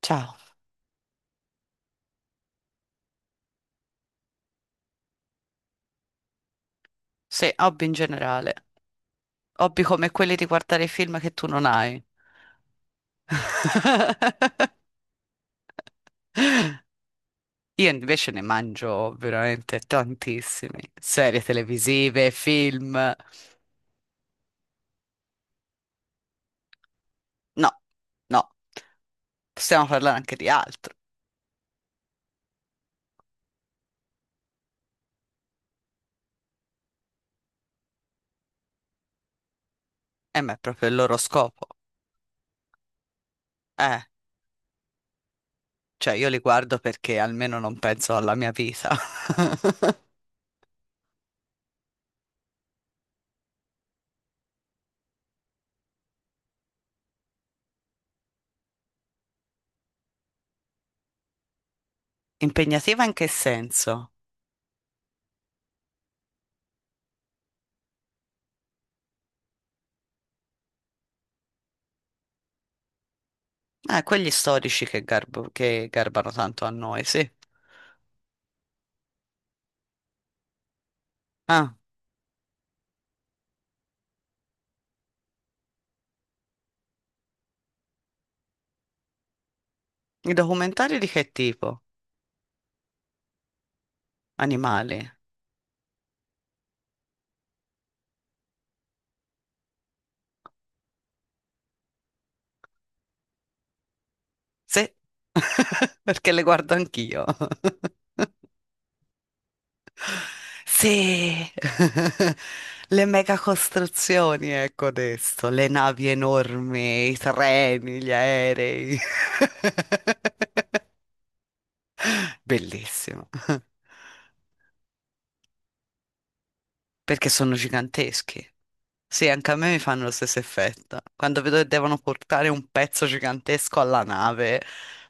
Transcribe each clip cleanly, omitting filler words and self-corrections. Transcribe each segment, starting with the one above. Ciao. Sì, hobby in generale. Hobby come quelli di guardare film che tu non hai. Io invece ne mangio veramente tantissimi. Serie televisive, film. No, no, possiamo parlare anche di altro. E ma è proprio il loro scopo. Eh, cioè io li guardo perché almeno non penso alla mia vita. Impegnativa in che senso? Quegli storici che, che garbano tanto a noi, sì. Ah, i documentari di che tipo? Animali. Sì, perché le guardo anch'io. Sì, le megacostruzioni, ecco adesso, le navi enormi, i treni, gli aerei. Bellissimo. Perché sono giganteschi. Sì, anche a me mi fanno lo stesso effetto. Quando vedo che devono portare un pezzo gigantesco alla nave,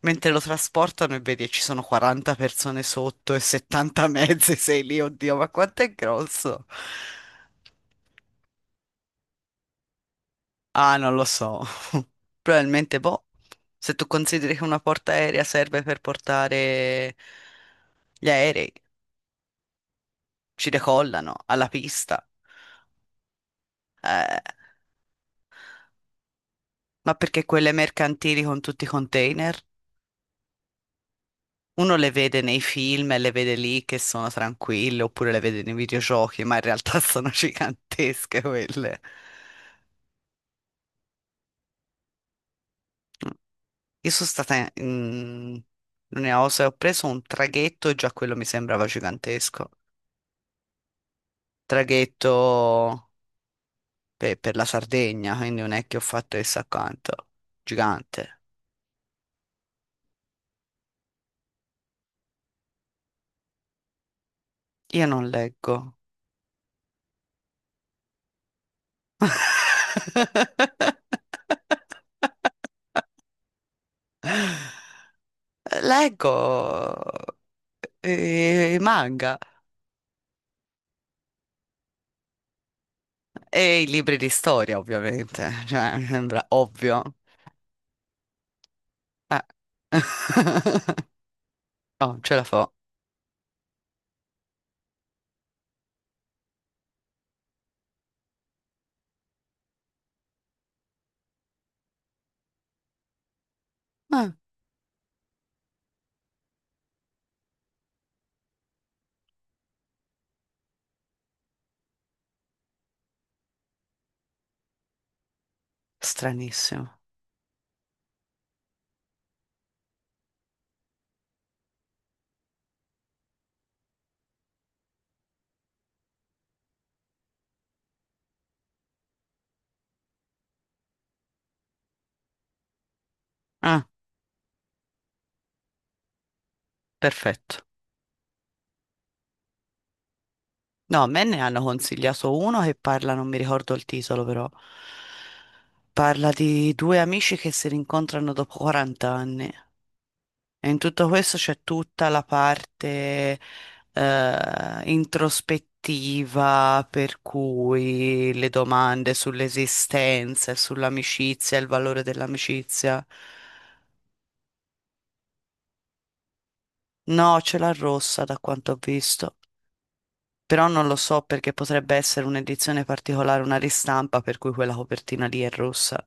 mentre lo trasportano e vedi che ci sono 40 persone sotto e 70 mezzi, sei lì, oddio, ma quanto è grosso? Ah, non lo so. Probabilmente, boh, se tu consideri che una porta aerea serve per portare gli aerei, ci decollano alla pista. Eh, ma perché quelle mercantili con tutti i container? Uno le vede nei film e le vede lì che sono tranquille, oppure le vede nei videogiochi, ma in realtà sono gigantesche quelle. Io sono stata in Osa e ho preso un traghetto e già quello mi sembrava gigantesco. Traghetto per la Sardegna, quindi non è che ho fatto chissà quanto. Gigante. Io non leggo. Leggo i manga. E i libri di storia, ovviamente, cioè, mi sembra ovvio. Eh. Oh, ce la fa. Ah, stranissimo. Ah, perfetto. No, a me ne hanno consigliato uno che parla, non mi ricordo il titolo, però. Parla di due amici che si rincontrano dopo 40 anni. E in tutto questo c'è tutta la parte introspettiva, per cui le domande sull'esistenza, e sull'amicizia, il valore dell'amicizia. No, ce l'ha rossa da quanto ho visto, però non lo so perché potrebbe essere un'edizione particolare, una ristampa, per cui quella copertina lì è rossa.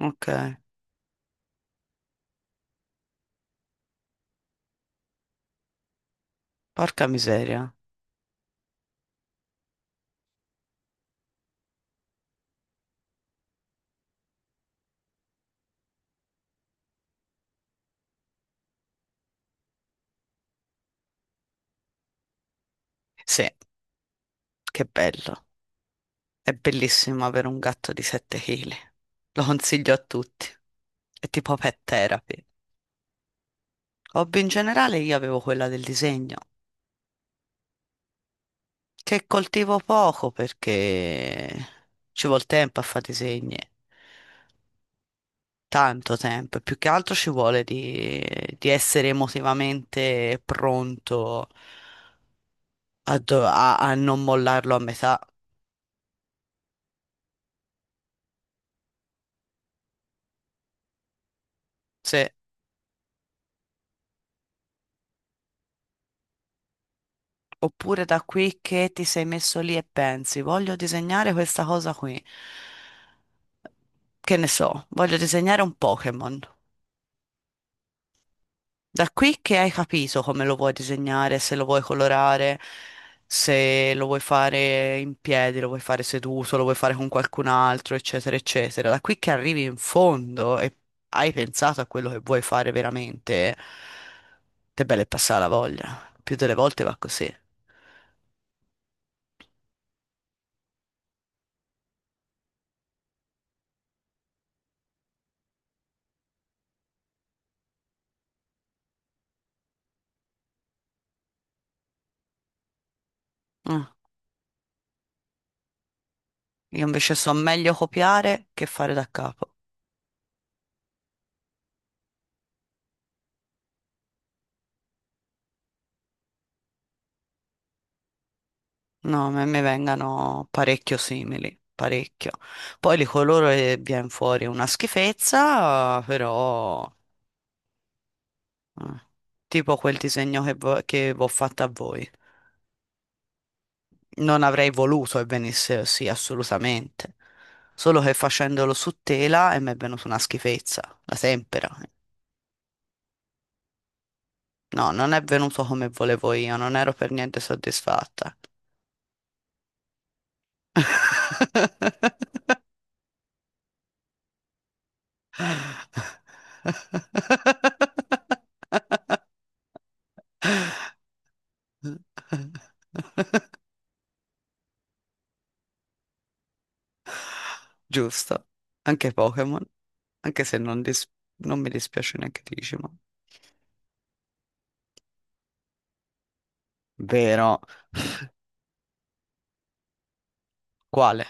Ok, porca miseria. Sì, che bello. È bellissimo avere un gatto di 7 chili. Lo consiglio a tutti. È tipo pet therapy. Hobby in generale io avevo quella del disegno, che coltivo poco perché ci vuole tempo a fare disegni, tanto tempo, e più che altro ci vuole di essere emotivamente pronto a, a non mollarlo a metà. Sì. Oppure da qui che ti sei messo lì e pensi, voglio disegnare questa cosa qui. Che ne so, voglio disegnare un Pokémon. Da qui che hai capito come lo vuoi disegnare, se lo vuoi colorare, se lo vuoi fare in piedi, lo vuoi fare seduto, lo vuoi fare con qualcun altro, eccetera, eccetera. Da qui che arrivi in fondo e hai pensato a quello che vuoi fare veramente, te belle passare la voglia. Più delle volte va così. Ah, io invece so meglio copiare che fare da capo. No, a me mi vengano parecchio simili, parecchio. Poi li coloro e viene fuori una schifezza, però eh, tipo quel disegno che, che vi ho fatto a voi. Non avrei voluto che venisse così, assolutamente. Solo che facendolo su tela e mi è venuta una schifezza, la tempera. No, non è venuto come volevo io, non ero per niente soddisfatta. Giusto, anche Pokémon, anche se non mi dispiace neanche Digimon. Vero. Quale?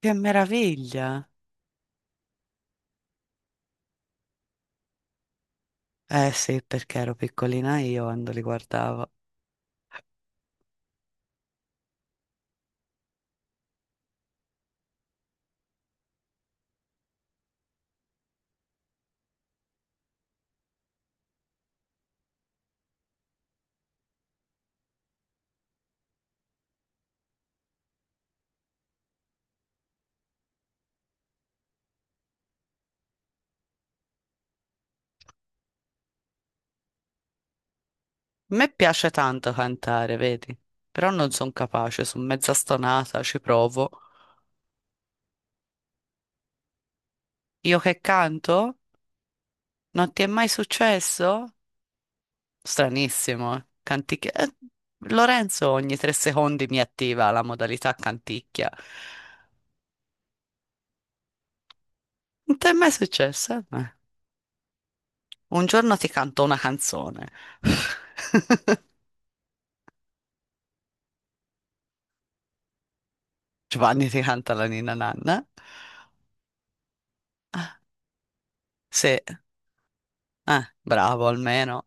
Che meraviglia! Eh sì, perché ero piccolina io quando li guardavo. A me piace tanto cantare, vedi? Però non sono capace, sono mezza stonata, ci provo. Io che canto? Non ti è mai successo? Stranissimo, eh. Canticchia. Lorenzo ogni tre secondi mi attiva la modalità canticchia. Non ti è mai successo? Un giorno ti canto una canzone. Giovanni ti canta la Nina Nanna. Sì, bravo almeno.